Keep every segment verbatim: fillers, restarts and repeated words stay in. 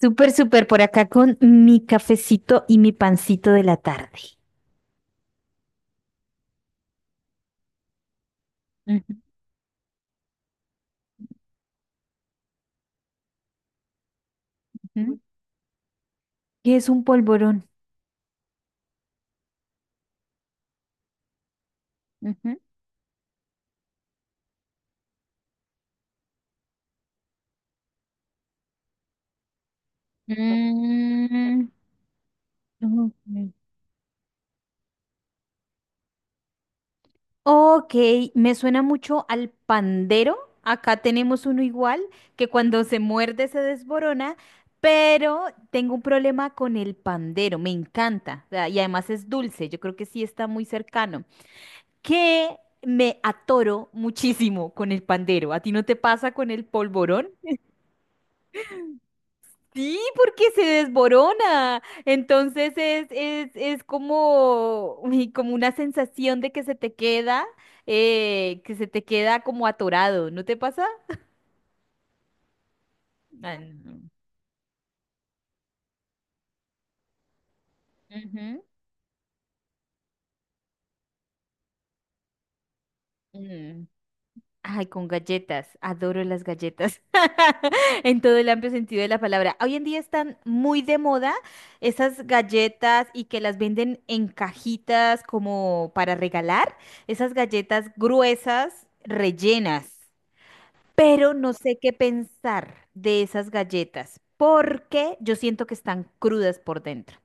Súper, súper por acá con mi cafecito y mi pancito de la tarde. Ujú, ujú, ¿qué es un polvorón? Ujú. Mm. Ujú. Ok, me suena mucho al pandero. Acá tenemos uno igual que cuando se muerde se desborona, pero tengo un problema con el pandero. Me encanta. O sea, y además es dulce. Yo creo que sí está muy cercano. Que me atoro muchísimo con el pandero. ¿A ti no te pasa con el polvorón? Sí, porque se desborona. Entonces es, es, es como, uy, como una sensación de que se te queda, eh, que se te queda como atorado. ¿No te pasa? Ah, no. Ujú. Mm. Ay, con galletas. Adoro las galletas. En todo el amplio sentido de la palabra. Hoy en día están muy de moda esas galletas y que las venden en cajitas como para regalar. Esas galletas gruesas, rellenas. Pero no sé qué pensar de esas galletas, porque yo siento que están crudas por dentro.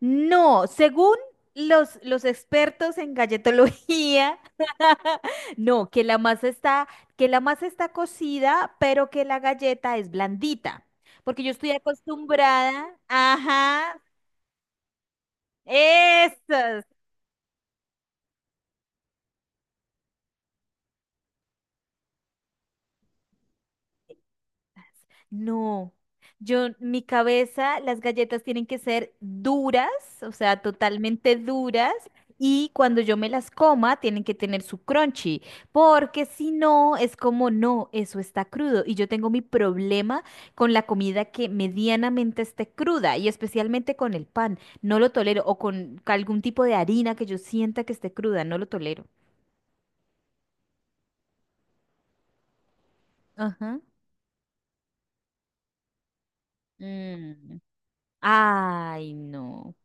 No, según los, los expertos en galletología, no, que la masa está, que la masa está cocida, pero que la galleta es blandita, porque yo estoy acostumbrada, ajá, eso. No, yo, mi cabeza, las galletas tienen que ser duras, o sea, totalmente duras, y cuando yo me las coma, tienen que tener su crunchy, porque si no, es como, no, eso está crudo, y yo tengo mi problema con la comida que medianamente esté cruda, y especialmente con el pan, no lo tolero, o con algún tipo de harina que yo sienta que esté cruda, no lo tolero. Ajá. Mm. Ay, no.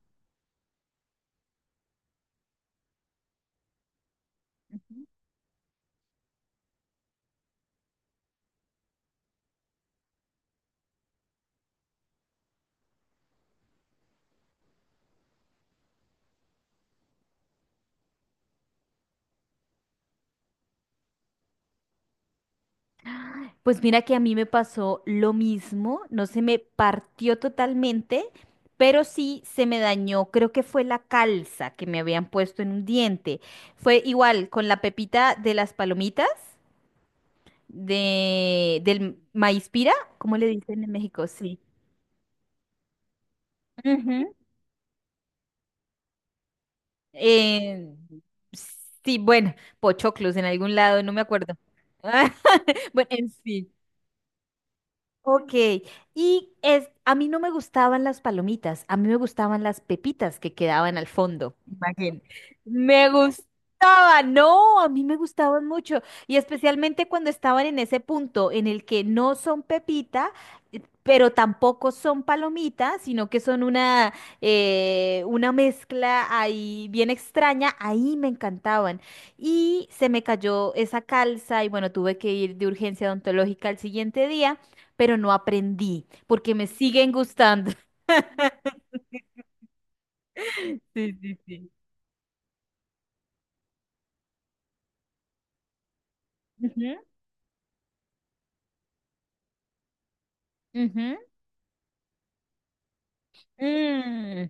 Pues mira que a mí me pasó lo mismo, no se me partió totalmente, pero sí se me dañó, creo que fue la calza que me habían puesto en un diente. Fue igual con la pepita de las palomitas, de, del maíz pira, ¿cómo le dicen en México? Sí. Ujú. Eh, sí, bueno, pochoclos en algún lado, no me acuerdo. Bueno, en fin. Ok, y es, a mí no me gustaban las palomitas, a mí me gustaban las pepitas que quedaban al fondo. Imagínate. Me gustaban, no, a mí me gustaban mucho. Y especialmente cuando estaban en ese punto en el que no son pepita, eh, pero tampoco son palomitas, sino que son una, eh, una mezcla ahí bien extraña, ahí me encantaban. Y se me cayó esa calza y bueno, tuve que ir de urgencia odontológica al siguiente día pero no aprendí porque me siguen gustando. Sí, sí, sí. Ujú, ujú. Mm.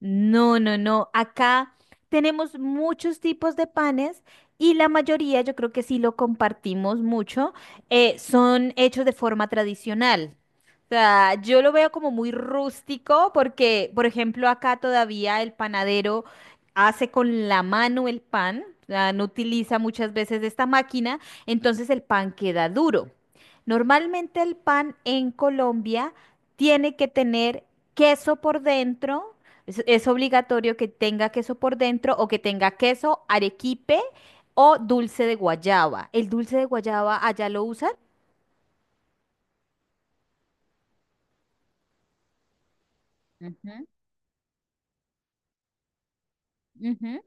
No, no, no. Acá tenemos muchos tipos de panes y la mayoría, yo creo que sí lo compartimos mucho, eh, son hechos de forma tradicional. O sea, yo lo veo como muy rústico porque, por ejemplo, acá todavía el panadero hace con la mano el pan, o sea, no utiliza muchas veces esta máquina, entonces el pan queda duro. Normalmente el pan en Colombia tiene que tener queso por dentro, es, es obligatorio que tenga queso por dentro o que tenga queso, arequipe o dulce de guayaba. ¿El dulce de guayaba allá lo usan? Ujú, ujú.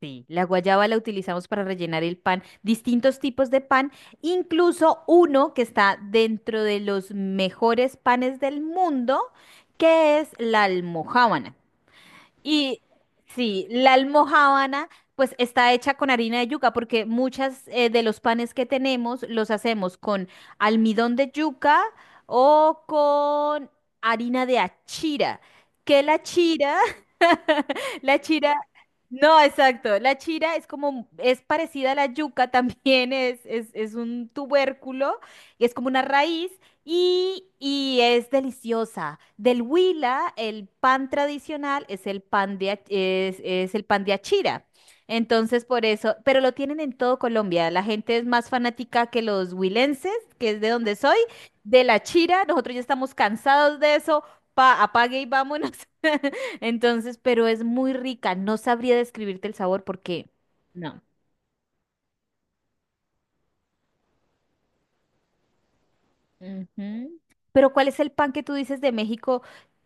Sí, la guayaba la utilizamos para rellenar el pan, distintos tipos de pan, incluso uno que está dentro de los mejores panes del mundo, que es la almojábana. Y sí, la almojábana pues está hecha con harina de yuca porque muchas eh, de los panes que tenemos los hacemos con almidón de yuca o con harina de achira, que la chira, la chira, no, exacto, la chira es como, es parecida a la yuca también, es, es, es un tubérculo, y es como una raíz y, y es deliciosa. Del Huila, el pan tradicional es el pan de, ach- es, es el pan de achira. Entonces, por eso, pero lo tienen en todo Colombia. La gente es más fanática que los huilenses, que es de donde soy, de la chira. Nosotros ya estamos cansados de eso. Pa, apague y vámonos. Entonces, pero es muy rica. No sabría describirte el sabor porque no. Ujú. Pero ¿cuál es el pan que tú dices de México?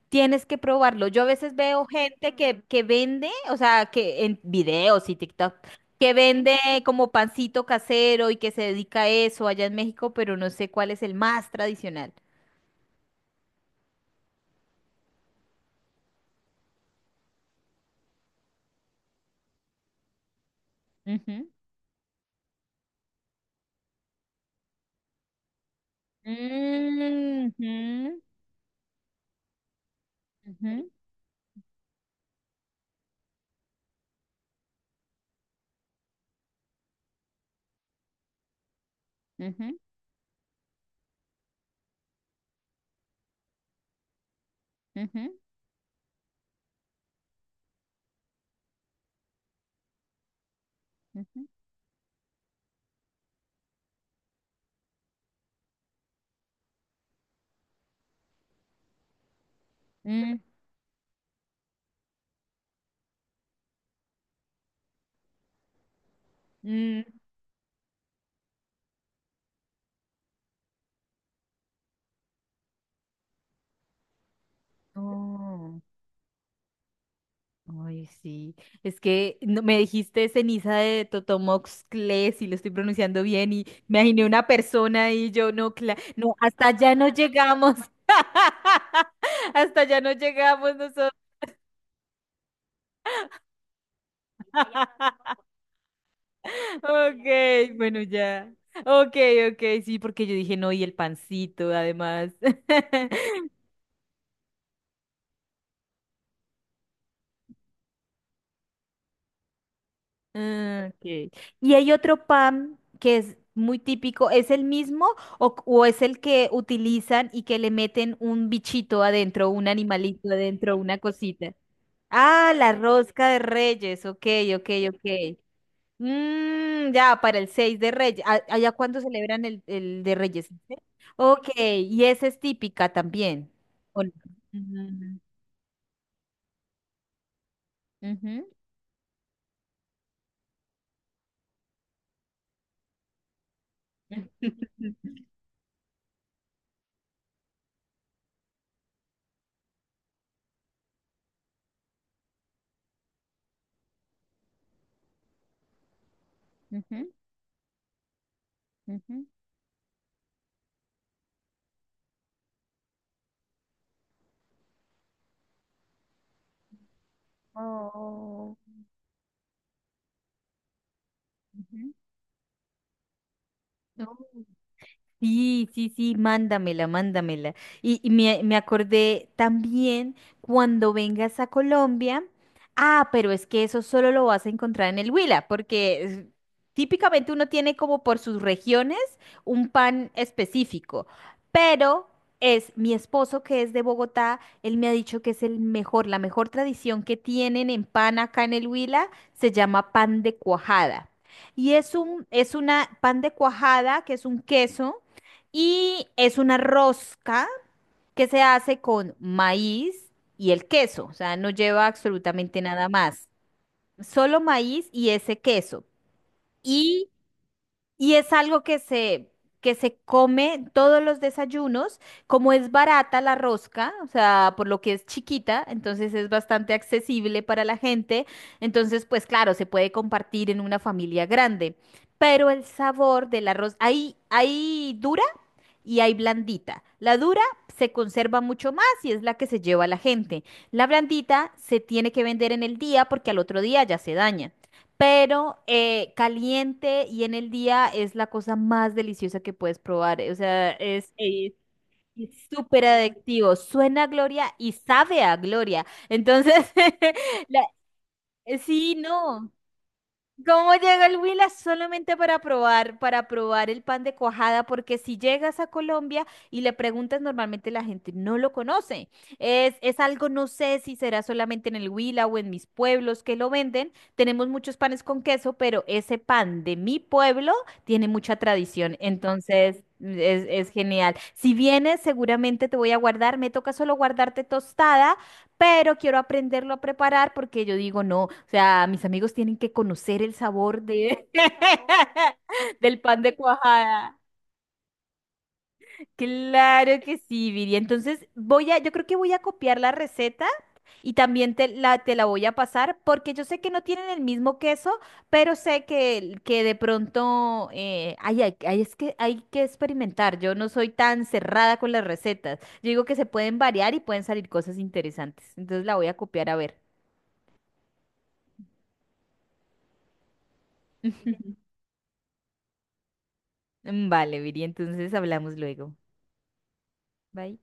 Tienes que probarlo. Yo a veces veo gente que, que vende, o sea, que en videos y TikTok, que vende como pancito casero y que se dedica a eso allá en México, pero no sé cuál es el más tradicional. Ujú. Mm, ujú, ujú, ujú, ujú, ujú, mm, mm, oh. Ay, sí. Es que no- me dijiste ceniza de Totomoxcle, si lo estoy pronunciando bien, y me imaginé una persona y yo no, cla- no, hasta allá no llegamos. Hasta allá no llegamos nosotros. Ok, bueno, ya. Ok, ok, sí, porque yo dije no, y el pancito, además. Ah, ok. Y hay otro pan que es muy típico, ¿es el mismo o, o es el que utilizan y que le meten un bichito adentro, un animalito adentro, una cosita? Ah, la rosca de Reyes, ok, ok, ok. Mm, ya, para el seis de Reyes. A- ¿Allá cuándo celebran el, el de Reyes? ¿Sí? Ok, y esa es típica también. ¿O no? Ujú, ujú, ujú, ujú. Oh. Ujú. No. Sí, sí, sí, mándamela, mándamela. Y, y me, me acordé también cuando vengas a Colombia. Ah, pero es que eso solo lo vas a encontrar en el Huila, porque es- típicamente uno tiene como por sus regiones un pan específico. Pero es mi esposo que es de Bogotá, él me ha dicho que es el mejor, la mejor tradición que tienen en pan acá en el Huila se llama pan de cuajada. Y es un, es una pan de cuajada, que es un queso y es una rosca que se hace con maíz y el queso, o sea, no lleva absolutamente nada más, solo maíz y ese queso. Y, y es algo que se, que se come todos los desayunos, como es barata la rosca, o sea, por lo que es chiquita, entonces es bastante accesible para la gente, entonces pues claro, se puede compartir en una familia grande, pero el sabor del arroz, ahí, ahí dura y hay blandita. La dura se conserva mucho más y es la que se lleva a la gente. La blandita se tiene que vender en el día porque al otro día ya se daña. Pero eh, caliente y en el día es la cosa más deliciosa que puedes probar. O sea, es Eh, es súper adictivo. Suena a gloria y sabe a gloria. Entonces, la- sí, no. ¿Cómo llega el Huila? Solamente para probar, para probar el pan de cuajada, porque si llegas a Colombia y le preguntas, normalmente la gente no lo conoce. Es, es algo, no sé si será solamente en el Huila o en mis pueblos que lo venden. Tenemos muchos panes con queso, pero ese pan de mi pueblo tiene mucha tradición, entonces es, es genial. Si vienes, seguramente te voy a guardar. Me toca solo guardarte tostada pero quiero aprenderlo a preparar porque yo digo, no, o sea, mis amigos tienen que conocer el sabor de del pan de cuajada. Claro que sí, Viri. Entonces voy a, yo creo que voy a copiar la receta y también te la, te la voy a pasar porque yo sé que no tienen el mismo queso, pero sé que, que de pronto eh, ay, ay, ay, es que hay que experimentar. Yo no soy tan cerrada con las recetas. Yo digo que se pueden variar y pueden salir cosas interesantes. Entonces la voy a copiar a ver. Mm, vale, Viri, entonces hablamos luego. Bye.